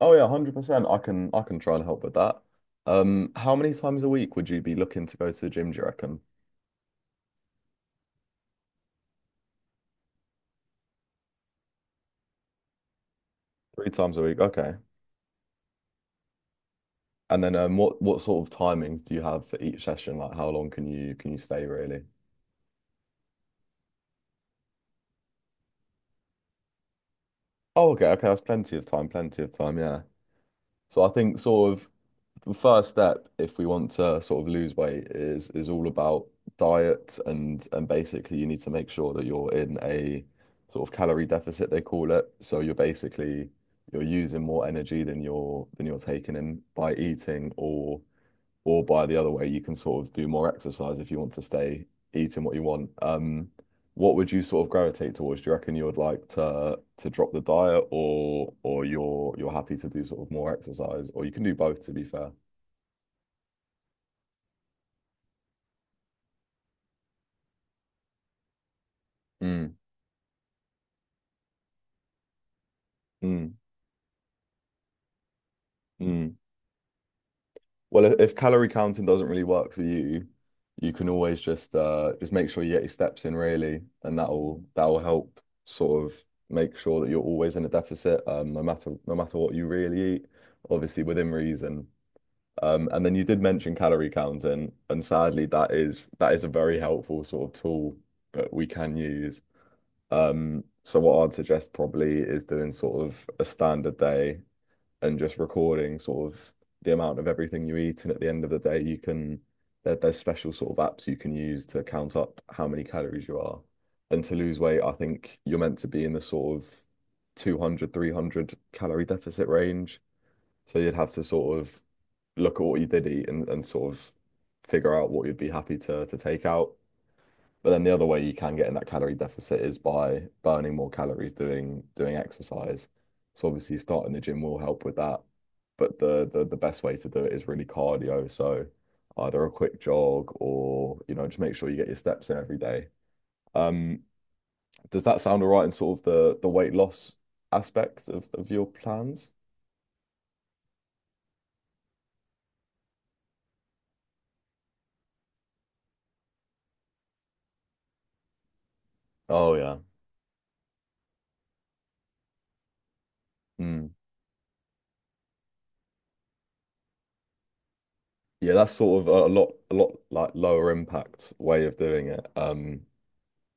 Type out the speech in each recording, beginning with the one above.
Oh yeah, 100%. I can try and help with that. How many times a week would you be looking to go to the gym, do you reckon? Three times a week, okay. And then what sort of timings do you have for each session? Like how long can you stay really? Oh, okay, okay, that's plenty of time, yeah. So I think sort of the first step, if we want to sort of lose weight, is all about diet and basically you need to make sure that you're in a sort of calorie deficit, they call it. So you're basically you're using more energy than you're taking in by eating or by the other way, you can sort of do more exercise if you want to stay eating what you want. What would you sort of gravitate towards? Do you reckon you would like to drop the diet or you're happy to do sort of more exercise or you can do both to be fair? Mm, mm, mm. Well, if calorie counting doesn't really work for you, you can always just make sure you get your steps in really, and that'll help sort of make sure that you're always in a deficit, no matter what you really eat, obviously within reason. And then you did mention calorie counting, and sadly that is a very helpful sort of tool that we can use. So what I'd suggest probably is doing sort of a standard day and just recording sort of the amount of everything you eat. And at the end of the day, you can there's special sort of apps you can use to count up how many calories you are. And to lose weight, I think you're meant to be in the sort of 200, 300 calorie deficit range. So you'd have to sort of look at what you did eat and sort of figure out what you'd be happy to take out. But then the other way you can get in that calorie deficit is by burning more calories doing exercise. So obviously starting the gym will help with that. But the best way to do it is really cardio. So either a quick jog or, just make sure you get your steps in every day. Um, does that sound all right in sort of the weight loss aspect of your plans? Oh yeah. Mm. Yeah, that's sort of a lot like lower impact way of doing it. Um,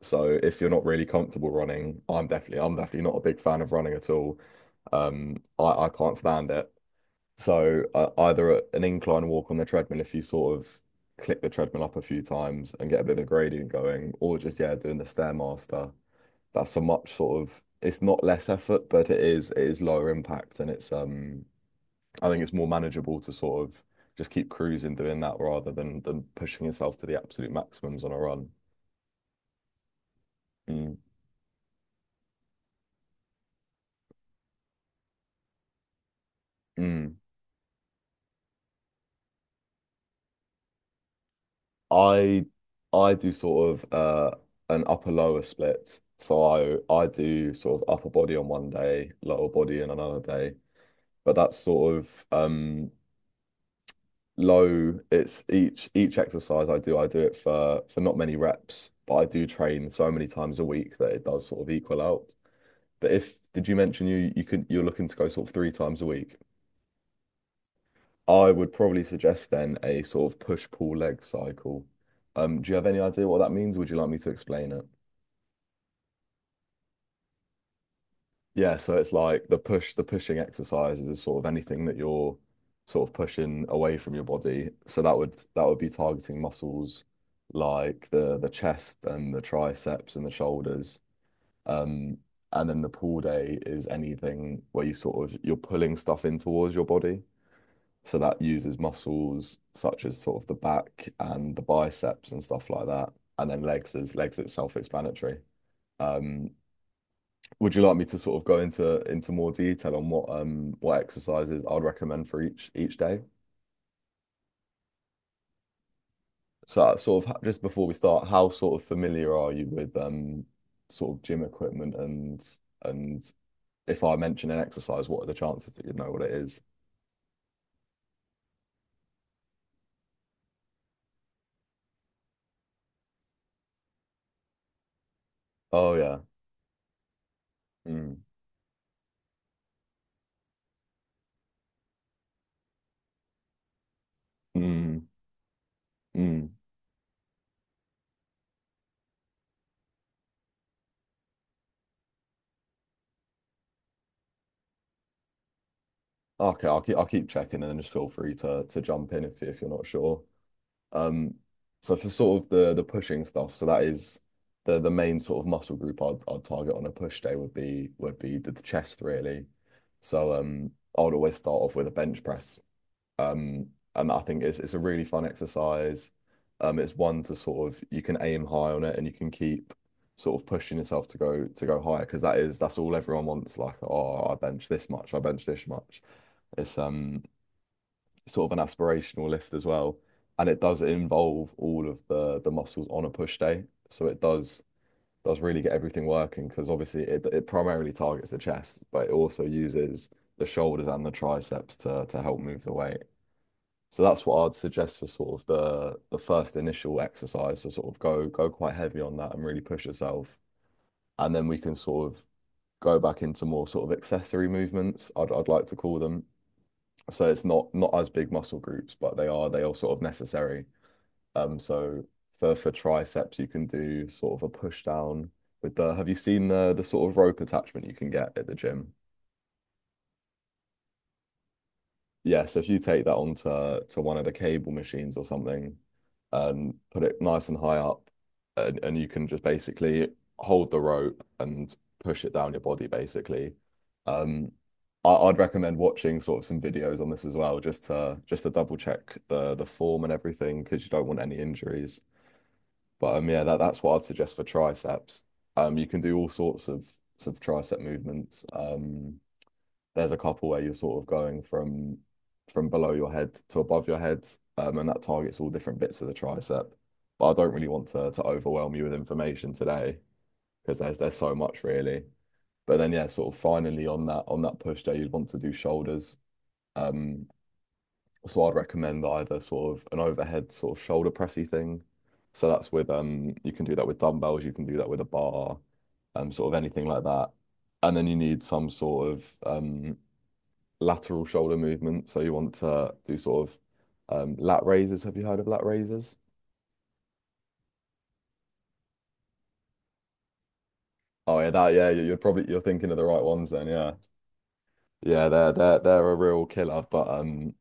So if you're not really comfortable running, I'm definitely not a big fan of running at all. I can't stand it. So either an incline walk on the treadmill if you sort of click the treadmill up a few times and get a bit of gradient going, or just yeah, doing the Stairmaster. That's a much sort of it's not less effort, but it is lower impact and it's I think it's more manageable to sort of just keep cruising doing that rather than pushing yourself to the absolute maximums on a run. Mm, mm. I I do sort of an upper lower split. So I do sort of upper body on one day, lower body on another day. But that's sort of low. It's each exercise I do it for not many reps, but I do train so many times a week that it does sort of equal out. But if did you mention you're looking to go sort of three times a week? I would probably suggest then a sort of push pull leg cycle. Do you have any idea what that means? Would you like me to explain it? Yeah, so it's like the pushing exercises is sort of anything that you're sort of pushing away from your body. So that would be targeting muscles like the chest and the triceps and the shoulders. Um, and then the pull day is anything where you sort of you're pulling stuff in towards your body. So that uses muscles such as sort of the back and the biceps and stuff like that. And then legs is self-explanatory. Um, would you like me to sort of go into more detail on what exercises I'd recommend for each day? So sort of just before we start, how sort of familiar are you with sort of gym equipment and if I mention an exercise, what are the chances that you'd know what it is? Oh yeah. Mm, mm, mm. Okay, I'll keep checking and then just feel free to jump in if you're not sure. Um, so for sort of the pushing stuff, so that is the main sort of muscle group I'd target on a push day would be the chest really. So I would always start off with a bench press. Um, and I think it's a really fun exercise. It's one to sort of you can aim high on it and you can keep sort of pushing yourself to go higher because that's all everyone wants. Like, oh, I bench this much, I bench this much. It's sort of an aspirational lift as well. And it does involve all of the muscles on a push day. So it does really get everything working because obviously it primarily targets the chest, but it also uses the shoulders and the triceps to help move the weight. So that's what I'd suggest for sort of the first initial exercise to sort of go quite heavy on that and really push yourself. And then we can sort of go back into more sort of accessory movements, I'd like to call them, so it's not as big muscle groups, but they are sort of necessary. So for triceps, you can do sort of a push down with the. Have you seen the sort of rope attachment you can get at the gym? Yeah, so if you take that onto to one of the cable machines or something, and put it nice and high up, and you can just basically hold the rope and push it down your body, basically. Um, I'd recommend watching sort of some videos on this as well, just to double check the form and everything, because you don't want any injuries. But yeah, that's what I'd suggest for triceps. You can do all sorts of sort of tricep movements. There's a couple where you're sort of going from below your head to above your head, and that targets all different bits of the tricep. But I don't really want to overwhelm you with information today because there's so much really. But then yeah, sort of finally on that push day, you'd want to do shoulders. Um, so I'd recommend either sort of an overhead sort of shoulder pressy thing. So that's with you can do that with dumbbells, you can do that with a bar, sort of anything like that. And then you need some sort of lateral shoulder movement. So you want to do sort of lat raises. Have you heard of lat raises? Oh yeah, that yeah. you- are probably you're thinking of the right ones then. Yeah, yeah. They're a real killer, but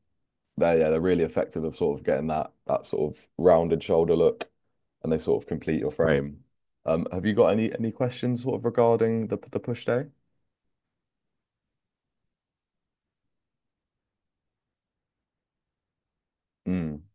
they're yeah, they're really effective of sort of getting that sort of rounded shoulder look, and they sort of complete your frame. Have you got any questions sort of regarding the push day? Mm.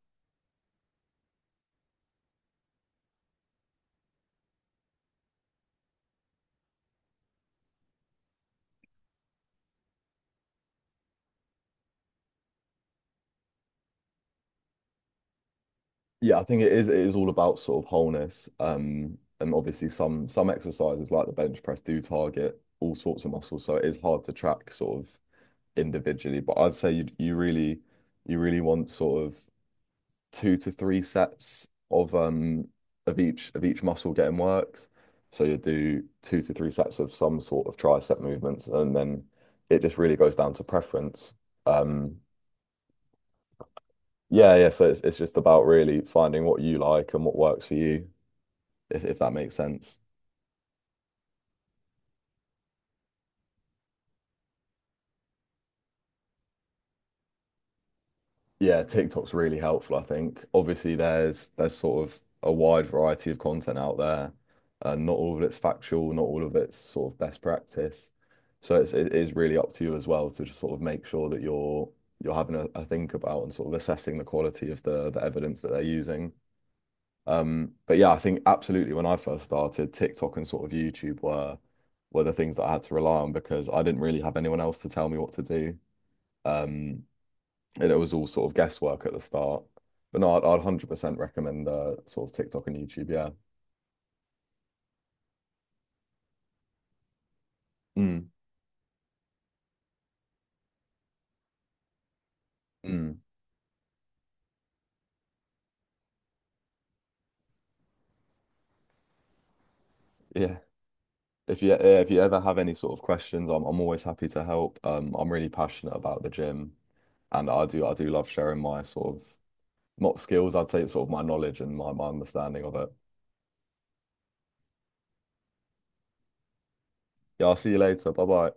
Yeah, I think it is all about sort of wholeness. And obviously some exercises like the bench press do target all sorts of muscles, so it is hard to track sort of individually. But I'd say you really want sort of two to three sets of each muscle getting worked. So you do two to three sets of some sort of tricep movements, and then it just really goes down to preference. Um, yeah, yeah. So it's just about really finding what you like and what works for you. If that makes sense. Yeah, TikTok's really helpful, I think. Obviously, there's sort of a wide variety of content out there. Not all of it's factual, not all of it's sort of best practice. So it is really up to you as well to just sort of make sure that you're having a think about and sort of assessing the quality of the evidence that they're using. But yeah, I think absolutely when I first started, TikTok and sort of YouTube were the things that I had to rely on because I didn't really have anyone else to tell me what to do. Um, and it was all sort of guesswork at the start. But no, I'd 100% recommend sort of TikTok and YouTube. Yeah. Mm. Mm. Yeah. If you ever have any sort of questions, I'm always happy to help. I'm really passionate about the gym, and I do love sharing my sort of not skills, I'd say it's sort of my knowledge and my understanding of it. Yeah, I'll see you later. Bye bye.